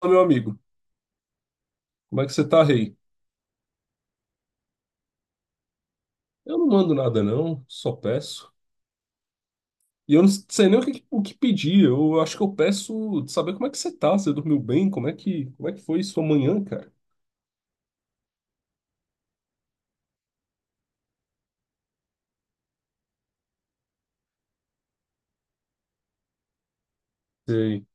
Fala, meu amigo, como é que você tá, rei? Eu não mando nada, não, só peço. E eu não sei nem o que pedir, eu acho que eu peço saber como é que você tá, você dormiu bem, como é que foi sua manhã, cara? Sei.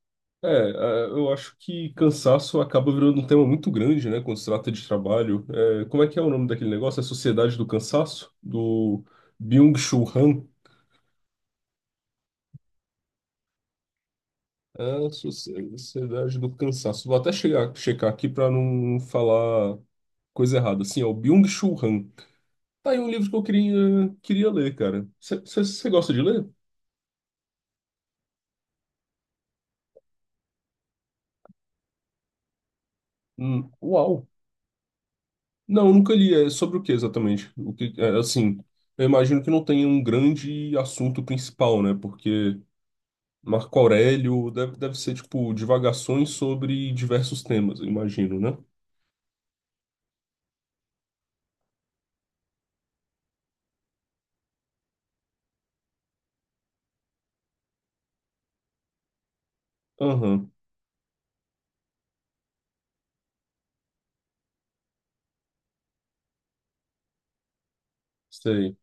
Eu acho que cansaço acaba virando um tema muito grande, né, quando se trata de trabalho. É, como é que é o nome daquele negócio? É Sociedade do Cansaço? Do Byung-Chul Han? É, Sociedade do Cansaço. Vou até checar aqui pra não falar coisa errada. Assim, é o Byung-Chul Han. Tá aí um livro que eu queria ler, cara. Você gosta de ler? Uau! Não, nunca li. É sobre o que exatamente? Assim, eu imagino que não tenha um grande assunto principal, né? Porque Marco Aurélio deve ser, tipo, divagações sobre diversos temas, eu imagino, né? Aham, sei.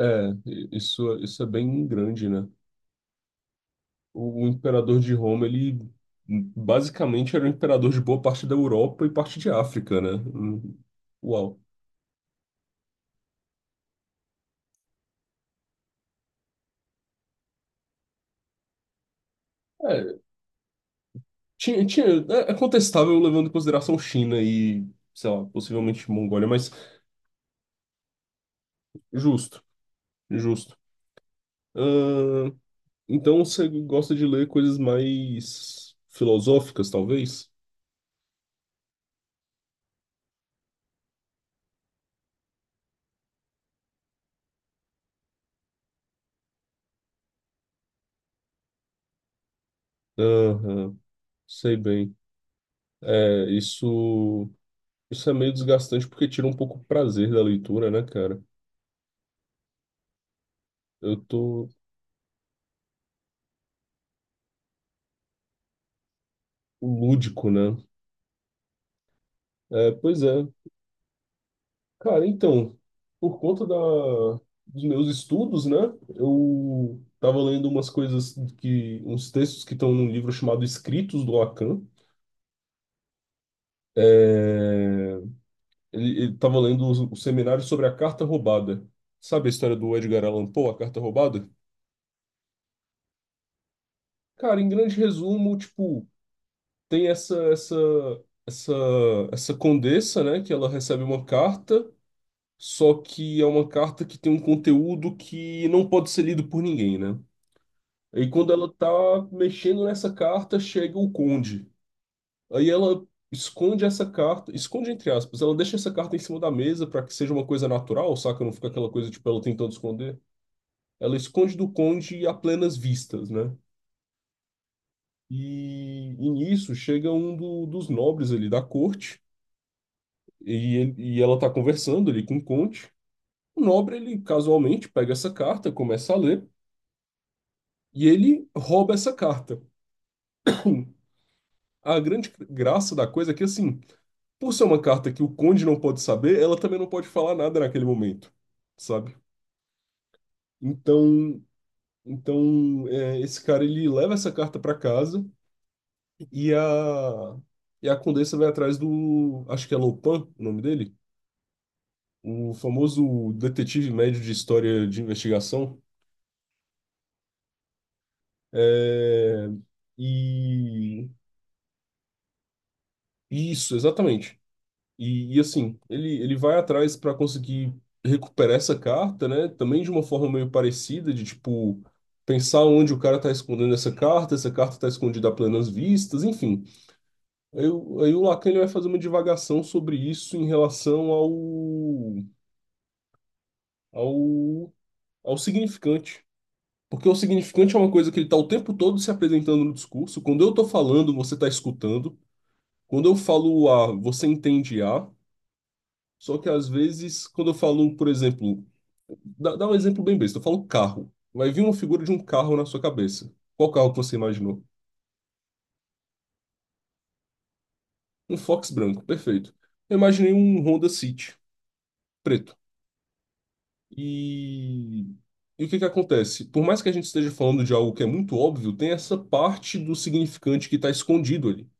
É, isso, isso é bem grande, né? O imperador de Roma, ele basicamente era o imperador de boa parte da Europa e parte de África, né? Uau. É, tinha, é contestável levando em consideração China e, sei lá, possivelmente Mongólia, mas justo, justo. Ahn, então você gosta de ler coisas mais filosóficas, talvez? Aham, sei bem. É, isso, isso é meio desgastante porque tira um pouco o prazer da leitura, né, cara? Eu tô lúdico, né? É, pois é. Cara, então, por conta da, dos meus estudos, né, eu tava lendo uns textos que estão num livro chamado Escritos do Lacan. É, ele tava lendo o seminário sobre a carta roubada. Sabe a história do Edgar Allan Poe, a carta roubada? Cara, em grande resumo, tipo, tem essa essa condessa, né, que ela recebe uma carta, só que é uma carta que tem um conteúdo que não pode ser lido por ninguém, né? E quando ela tá mexendo nessa carta, chega o conde. Aí ela esconde essa carta, esconde entre aspas, ela deixa essa carta em cima da mesa para que seja uma coisa natural, saca? Não fica aquela coisa tipo ela tentando esconder. Ela esconde do conde a plenas vistas, né? E nisso chega um dos nobres ali da corte e, ela tá conversando ali com o conde. O nobre, ele casualmente pega essa carta, começa a ler e ele rouba essa carta. A grande graça da coisa é que assim. Por ser uma carta que o conde não pode saber, ela também não pode falar nada naquele momento, sabe? Então, então é, esse cara ele leva essa carta para casa e a e a condessa vai atrás do, acho que é Lopin, o nome dele, o famoso detetive médio de história de investigação. É, e isso, exatamente. E, assim, ele vai atrás para conseguir recuperar essa carta, né? Também de uma forma meio parecida, de tipo, pensar onde o cara tá escondendo essa carta tá escondida a plenas vistas, enfim. Aí o Lacan ele vai fazer uma divagação sobre isso em relação ao, ao significante. Porque o significante é uma coisa que ele tá o tempo todo se apresentando no discurso. Quando eu tô falando, você tá escutando. Quando eu falo A, você entende A. Só que às vezes, quando eu falo, por exemplo, dá um exemplo bem besta. Eu falo carro. Vai vir uma figura de um carro na sua cabeça. Qual carro que você imaginou? Um Fox branco, perfeito. Eu imaginei um Honda City, preto. E... E o que que acontece? Por mais que a gente esteja falando de algo que é muito óbvio, tem essa parte do significante que está escondido ali.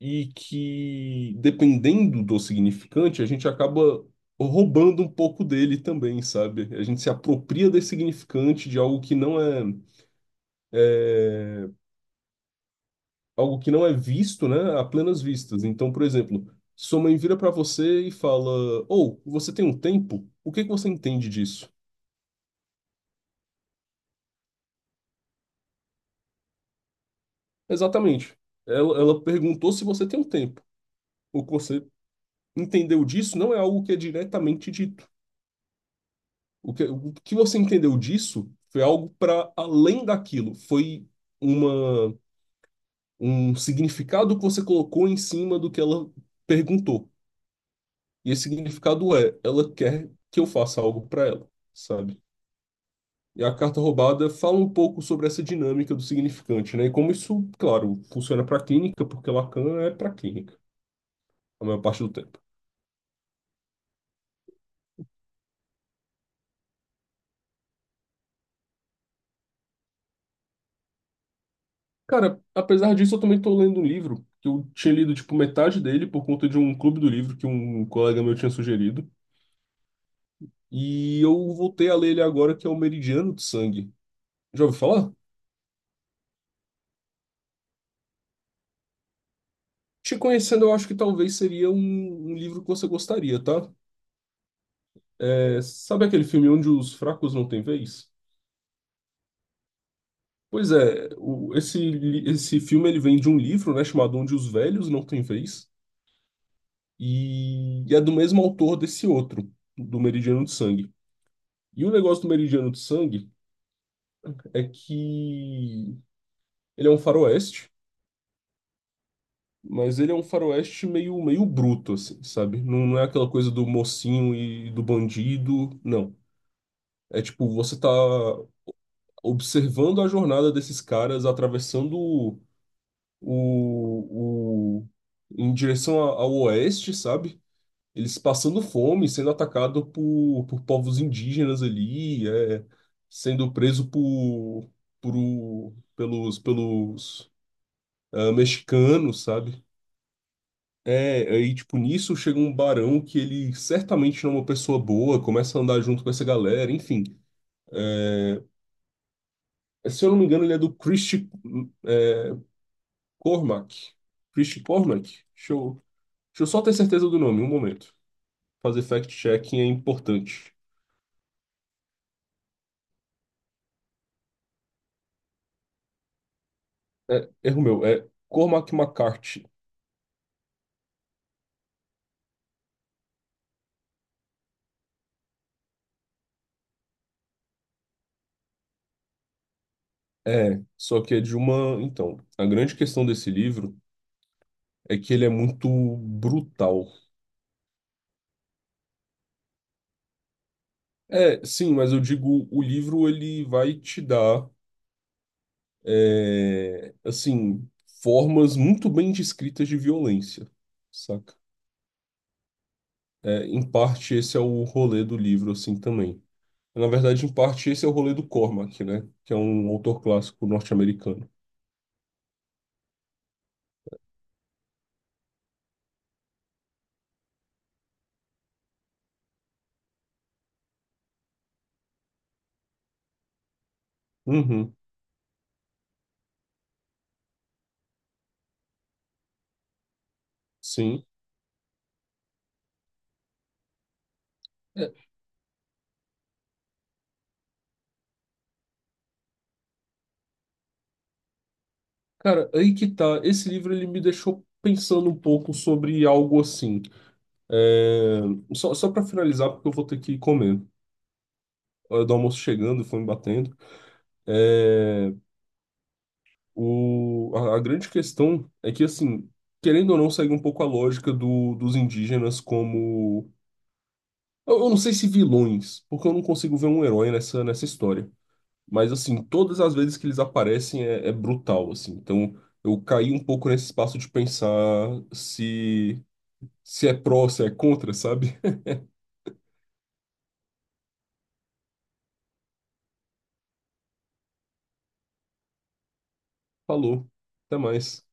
E que, dependendo do significante, a gente acaba roubando um pouco dele também, sabe? A gente se apropria desse significante de algo que não é, é algo que não é visto, né, a plenas vistas. Então, por exemplo, sua mãe vira para você e fala: "Ou, você tem um tempo? O que que você entende disso?" Exatamente. Ela perguntou se você tem um tempo. O que você entendeu disso não é algo que é diretamente dito. O que você entendeu disso foi algo para além daquilo. Foi uma, um significado que você colocou em cima do que ela perguntou. E esse significado é, ela quer que eu faça algo para ela, sabe? E a carta roubada fala um pouco sobre essa dinâmica do significante, né? E como isso, claro, funciona para a clínica, porque Lacan é para a clínica, a maior parte do tempo. Cara, apesar disso, eu também estou lendo um livro que eu tinha lido, tipo, metade dele por conta de um clube do livro que um colega meu tinha sugerido. E eu voltei a ler ele agora, que é O Meridiano de Sangue. Já ouviu falar? Te conhecendo, eu acho que talvez seria um livro que você gostaria, tá? É, sabe aquele filme Onde os Fracos Não Têm Vez? Pois é, esse filme ele vem de um livro, né, chamado Onde os Velhos Não Têm Vez, e é do mesmo autor desse outro, do Meridiano de Sangue. E o negócio do Meridiano de Sangue é que ele é um faroeste, mas ele é um faroeste meio bruto, assim, sabe? Não é aquela coisa do mocinho e do bandido, não. É tipo, você tá observando a jornada desses caras atravessando o, o, em direção ao oeste, sabe? Eles passando fome, sendo atacado por povos indígenas ali, é, sendo preso pelos ah, mexicanos, sabe? É, aí, tipo, nisso chega um barão que ele certamente não é uma pessoa boa, começa a andar junto com essa galera, enfim. É, se eu não me engano, ele é do Christie é, Cormac. Christie Cormac? Deixa eu, deixa eu só ter certeza do nome, um momento. Fazer fact-checking é importante. É, erro meu, é Cormac McCarthy. É, só que é de uma. Então, a grande questão desse livro é que ele é muito brutal. É, sim, mas eu digo, o livro ele vai te dar, é, assim, formas muito bem descritas de violência, saca? É, em parte, esse é o rolê do livro, assim, também. Na verdade, em parte, esse é o rolê do Cormac, né? Que é um autor clássico norte-americano. Uhum, sim. É, cara, aí que tá. Esse livro ele me deixou pensando um pouco sobre algo assim. É, só para finalizar, porque eu vou ter que comer. A hora do almoço chegando, foi me batendo. É, o... a grande questão é que, assim, querendo ou não, segue um pouco a lógica do, dos indígenas como. Eu não sei se vilões, porque eu não consigo ver um herói nessa história. Mas, assim, todas as vezes que eles aparecem é, é brutal, assim. Então, eu caí um pouco nesse espaço de pensar se. Se é pró, se é contra, sabe? Falou. Até mais.